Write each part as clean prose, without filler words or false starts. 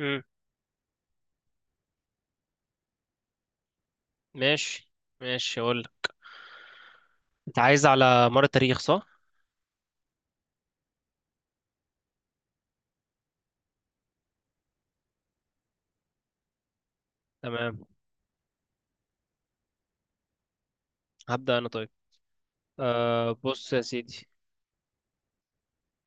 امم ماشي. ماشي، اقول لك. انت عايز على مر التاريخ، صح؟ تمام. هبدأ انا، طيب. أه، بص يا سيدي.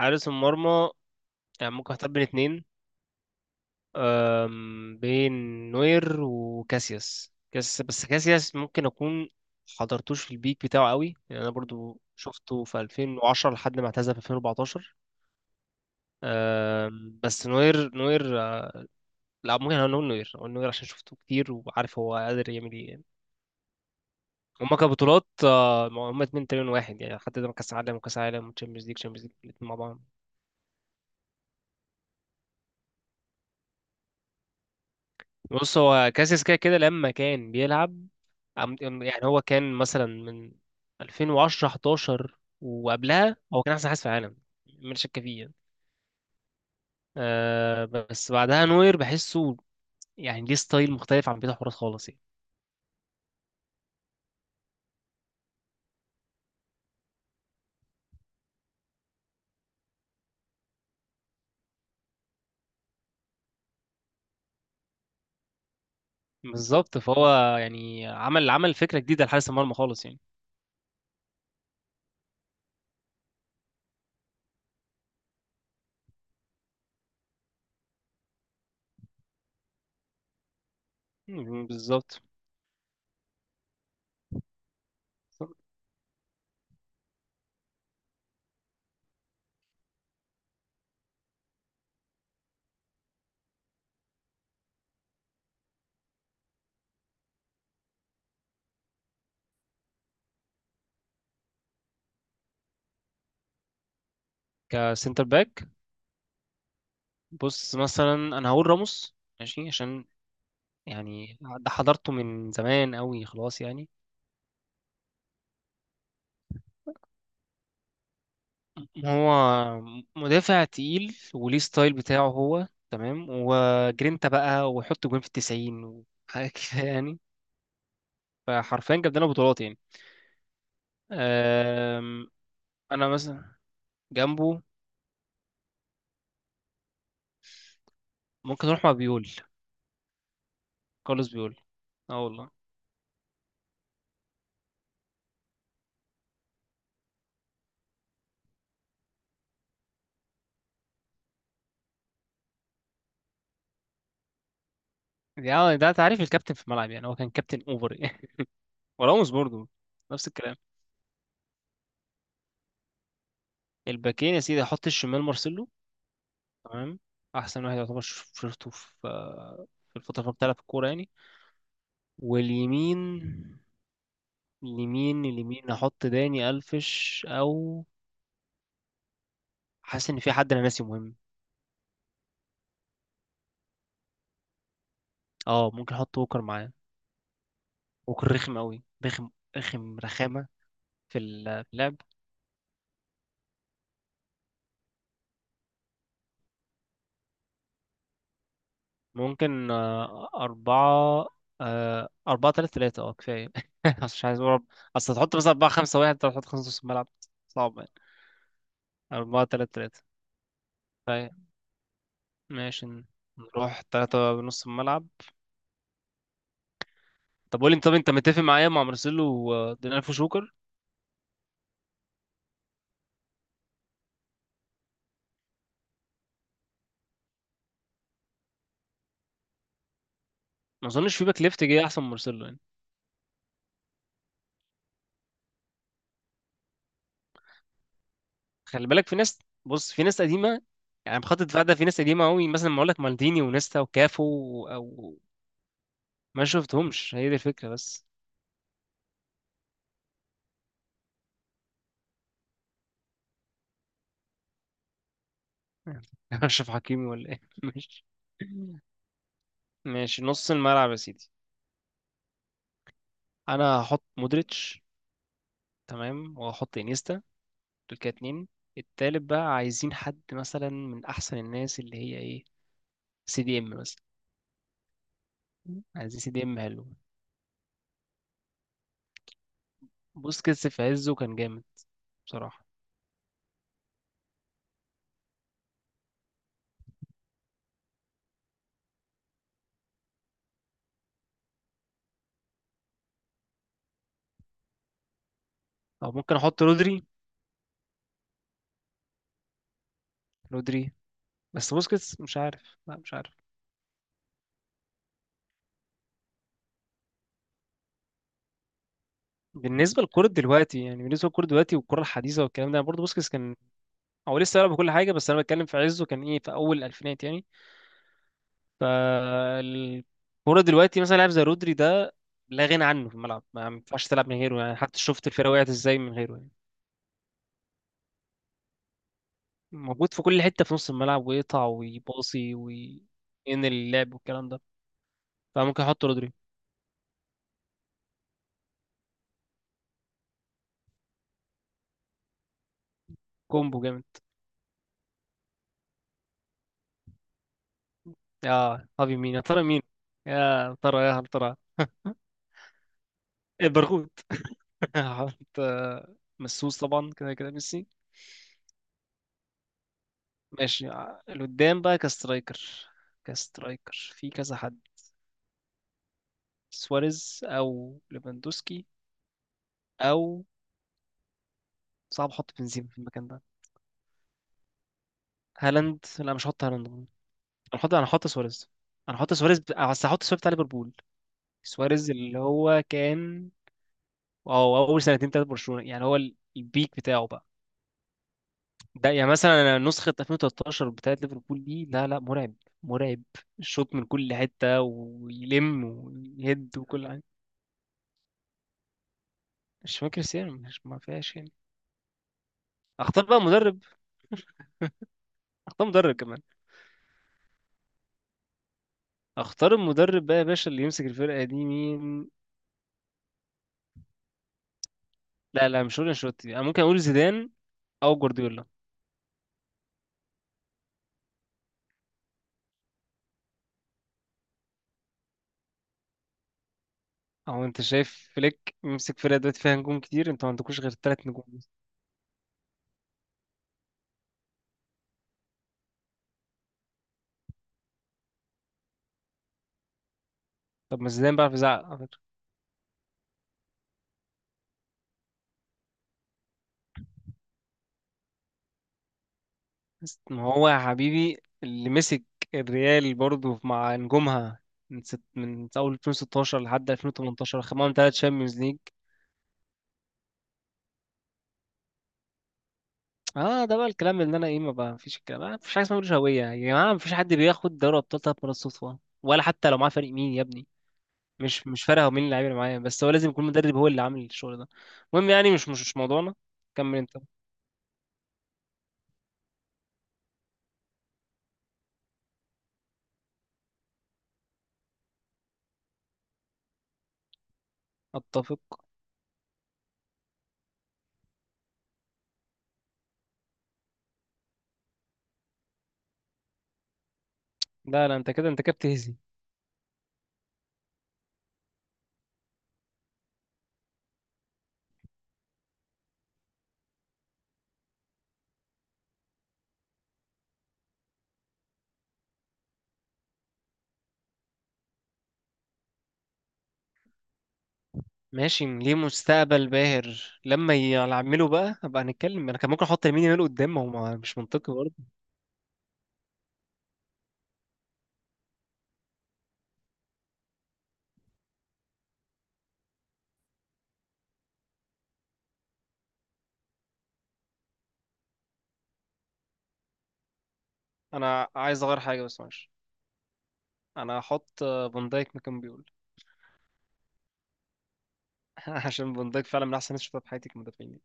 حارس المرمى، يعني ممكن اختار بين اتنين. بين نوير وكاسياس. بس كاسياس ممكن اكون حضرتوش في البيك بتاعه قوي. يعني انا برضو شفته في 2010 لحد ما اعتزل في 2014. بس نوير. لا، ممكن اقول نوير عشان شفته كتير وعارف هو قادر يعمل ايه يعني. هما كبطولات، هما اتنين تقريبا واحد يعني. حتى ده كاس عالم، وكاس عالم، وتشامبيونز ليج، تشامبيونز ليج الاتنين مع بعض. بص، هو كاسياس كده كده لما كان بيلعب. يعني هو كان مثلا من 2010 11، وقبلها هو كان احسن حارس في العالم، من شك فيه يعني. آه، بس بعدها نوير، بحسه يعني ليه ستايل مختلف عن بيت حراس خالص يعني. بالظبط. فهو يعني عمل فكرة جديدة لحارس المرمى خالص يعني. بالظبط. كسنتر باك، بص مثلا انا هقول راموس. ماشي، عشان يعني ده حضرته من زمان قوي، خلاص يعني. هو مدافع تقيل، وليه ستايل بتاعه هو، تمام، وجرينتا بقى، ويحط جوان في التسعين، وحاجة كده يعني. فحرفيا جاب لنا بطولات يعني. أم، انا مثلا جنبه ممكن اروح مع بيول. كارلوس بيول. اه والله. يعني ده تعريف الكابتن في الملعب، يعني هو كان كابتن اوفر يعني. وراموس برضه نفس الكلام. الباكين، يا سيدي، احط الشمال مارسيلو. تمام، احسن واحد يعتبر. شفته في في الفتره اللي بتلعب في الكوره يعني. واليمين، اليمين احط داني الفش، او حاسس ان في حد انا ناسي مهم. اه، ممكن احط ووكر معاه. ووكر رخم قوي، رخم، رخامه في في اللعب. ممكن أربعة، أربعة تلاتة تلاتة، اه كفاية. أصل مش عايز أقول، أصل تحط مثلا أربعة خمسة واحد، أنت هتحط خمسة نص الملعب، صعب يعني. أربعة تلاتة تلاتة، طيب. ماشي، نروح تلاتة بنص الملعب. طب قول لي، طب انت متفق معايا مع مارسيلو ودينالفو شوكر؟ ما اظنش في باك ليفت جه احسن من مارسيلو يعني. خلي بالك في ناس، بص في ناس قديمه يعني. بخط الدفاع ده في ناس قديمه قوي، مثلا ما اقول لك، مالديني ونيستا وكافو، او ما شفتهمش. هي دي الفكره بس. اشرف حكيمي ولا ايه؟ ماشي. ماشي، نص الملعب يا سيدي. انا هحط مودريتش، تمام، وهحط انيستا. دول كده اتنين. التالت بقى عايزين حد مثلا من احسن الناس، اللي هي ايه، سي دي ام مثلا. عايزين سي دي ام، حلو. بوسكيتس في عزه كان جامد بصراحة. أو ممكن أحط رودري. رودري. بس بوسكيتس، مش عارف، لا مش عارف. بالنسبة للكرة دلوقتي يعني، بالنسبة للكرة دلوقتي والكرة الحديثة والكلام ده، برضه بوسكيتس كان، هو لسه يلعب كل حاجة، بس أنا بتكلم في عزه كان إيه، في أول الألفينات يعني. فالكرة دلوقتي مثلا لاعب زي رودري ده لا غنى عنه في الملعب، ما ينفعش تلعب من غيره يعني، حتى شفت الفرقة وقعت إزاي من غيره يعني. موجود في كل حتة في نص الملعب، ويقطع ويباصي وينقل اللعب والكلام ده. فممكن أحط رودري. كومبو جامد. اه، هذه مين؟ يا ترى مين؟ يا ترى يا هل ترى؟ إيه، برغوت. حط، مسوس طبعا، كده كده ميسي. ماشي. اللي قدام بقى كسترايكر. كسترايكر في كذا حد. سواريز او ليفاندوسكي، او صعب احط بنزيما في المكان ده. هالاند، لا مش هحط هالاند انا. هحط سواريز. انا هحط سواريز ب- بس هحط سواريز بتاع ليفربول. سواريز اللي هو كان، اه، اول سنتين تلاتة برشلونة يعني، هو البيك بتاعه بقى. ده يعني مثلا أنا نسخة 2013 بتاعت ليفربول دي، لا لا، مرعب، مرعب. الشوط من كل حتة، ويلم ويهد وكل حاجة. مش فاكر سير، مش، ما فيهاش يعني. اختار بقى مدرب. اختار مدرب كمان. اختار المدرب بقى يا باشا، اللي يمسك الفرقة دي مين؟ لا لا مش هقول انشيلوتي انا، ممكن اقول زيدان او جوارديولا. او انت شايف فليك يمسك فرقة دلوقتي فيها نجوم كتير؟ انتوا ما عندكوش غير ثلاث نجوم بس. طب ما زيدان بيعرف يزعق. بس ما هو يا حبيبي، اللي مسك الريال برضه مع نجومها من ست، من اول 2016 لحد 2018، خدهم ثلاث شامبيونز ليج. اه، ده بقى الكلام اللي انا ايه، ما بقى مفيش الكلام، ما فيش حاجه اسمها ملوش هويه يا جماعه. مفيش حد بياخد دوري ابطال ثلاث مرات صدفه، ولا حتى لو معاه فريق مين يا ابني. مش مش فارقه هو مين اللعيبه اللي معايا، بس هو لازم يكون مدرب، هو اللي عامل الشغل ده. المهم يعني، مش موضوعنا. كمل انت. اتفق. لا لا، انت كده بتهزي. ماشي، ليه مستقبل باهر، لما يعملوا بقى هبقى هنتكلم. انا كان ممكن احط لامين يامال قدام، هو مش منطقي برضه. انا عايز اغير حاجه بس، ماشي. انا هحط فان دايك مكان بيقول. عشان فان دايك فعلا من احسن الناس اللي شفتها في حياتي كمدافعين.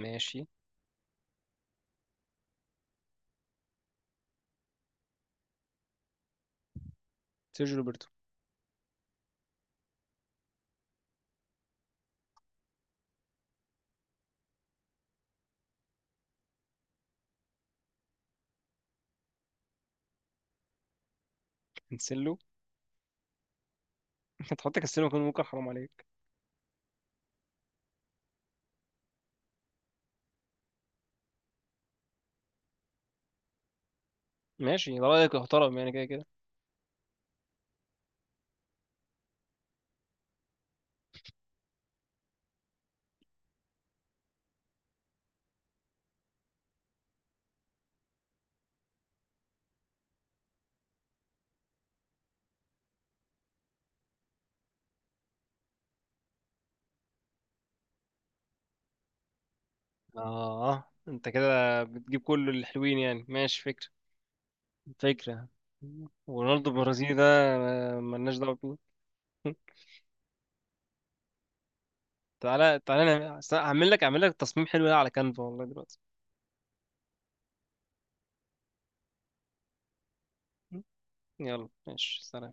ماشي. سيرجيو روبرتو. كانسيلو. هتحط كانسيلو مكان ممكن؟ حرام عليك. ماشي، ده رايك محترم يعني، كده كده. اه، انت كده بتجيب كل الحلوين يعني. ماشي، فكره، فكره. ورونالدو البرازيلي ده، ملناش دعوه بيه. تعالى، هعمل لك، تصميم حلو ده على كانفا والله دلوقتي. يلا ماشي، سلام.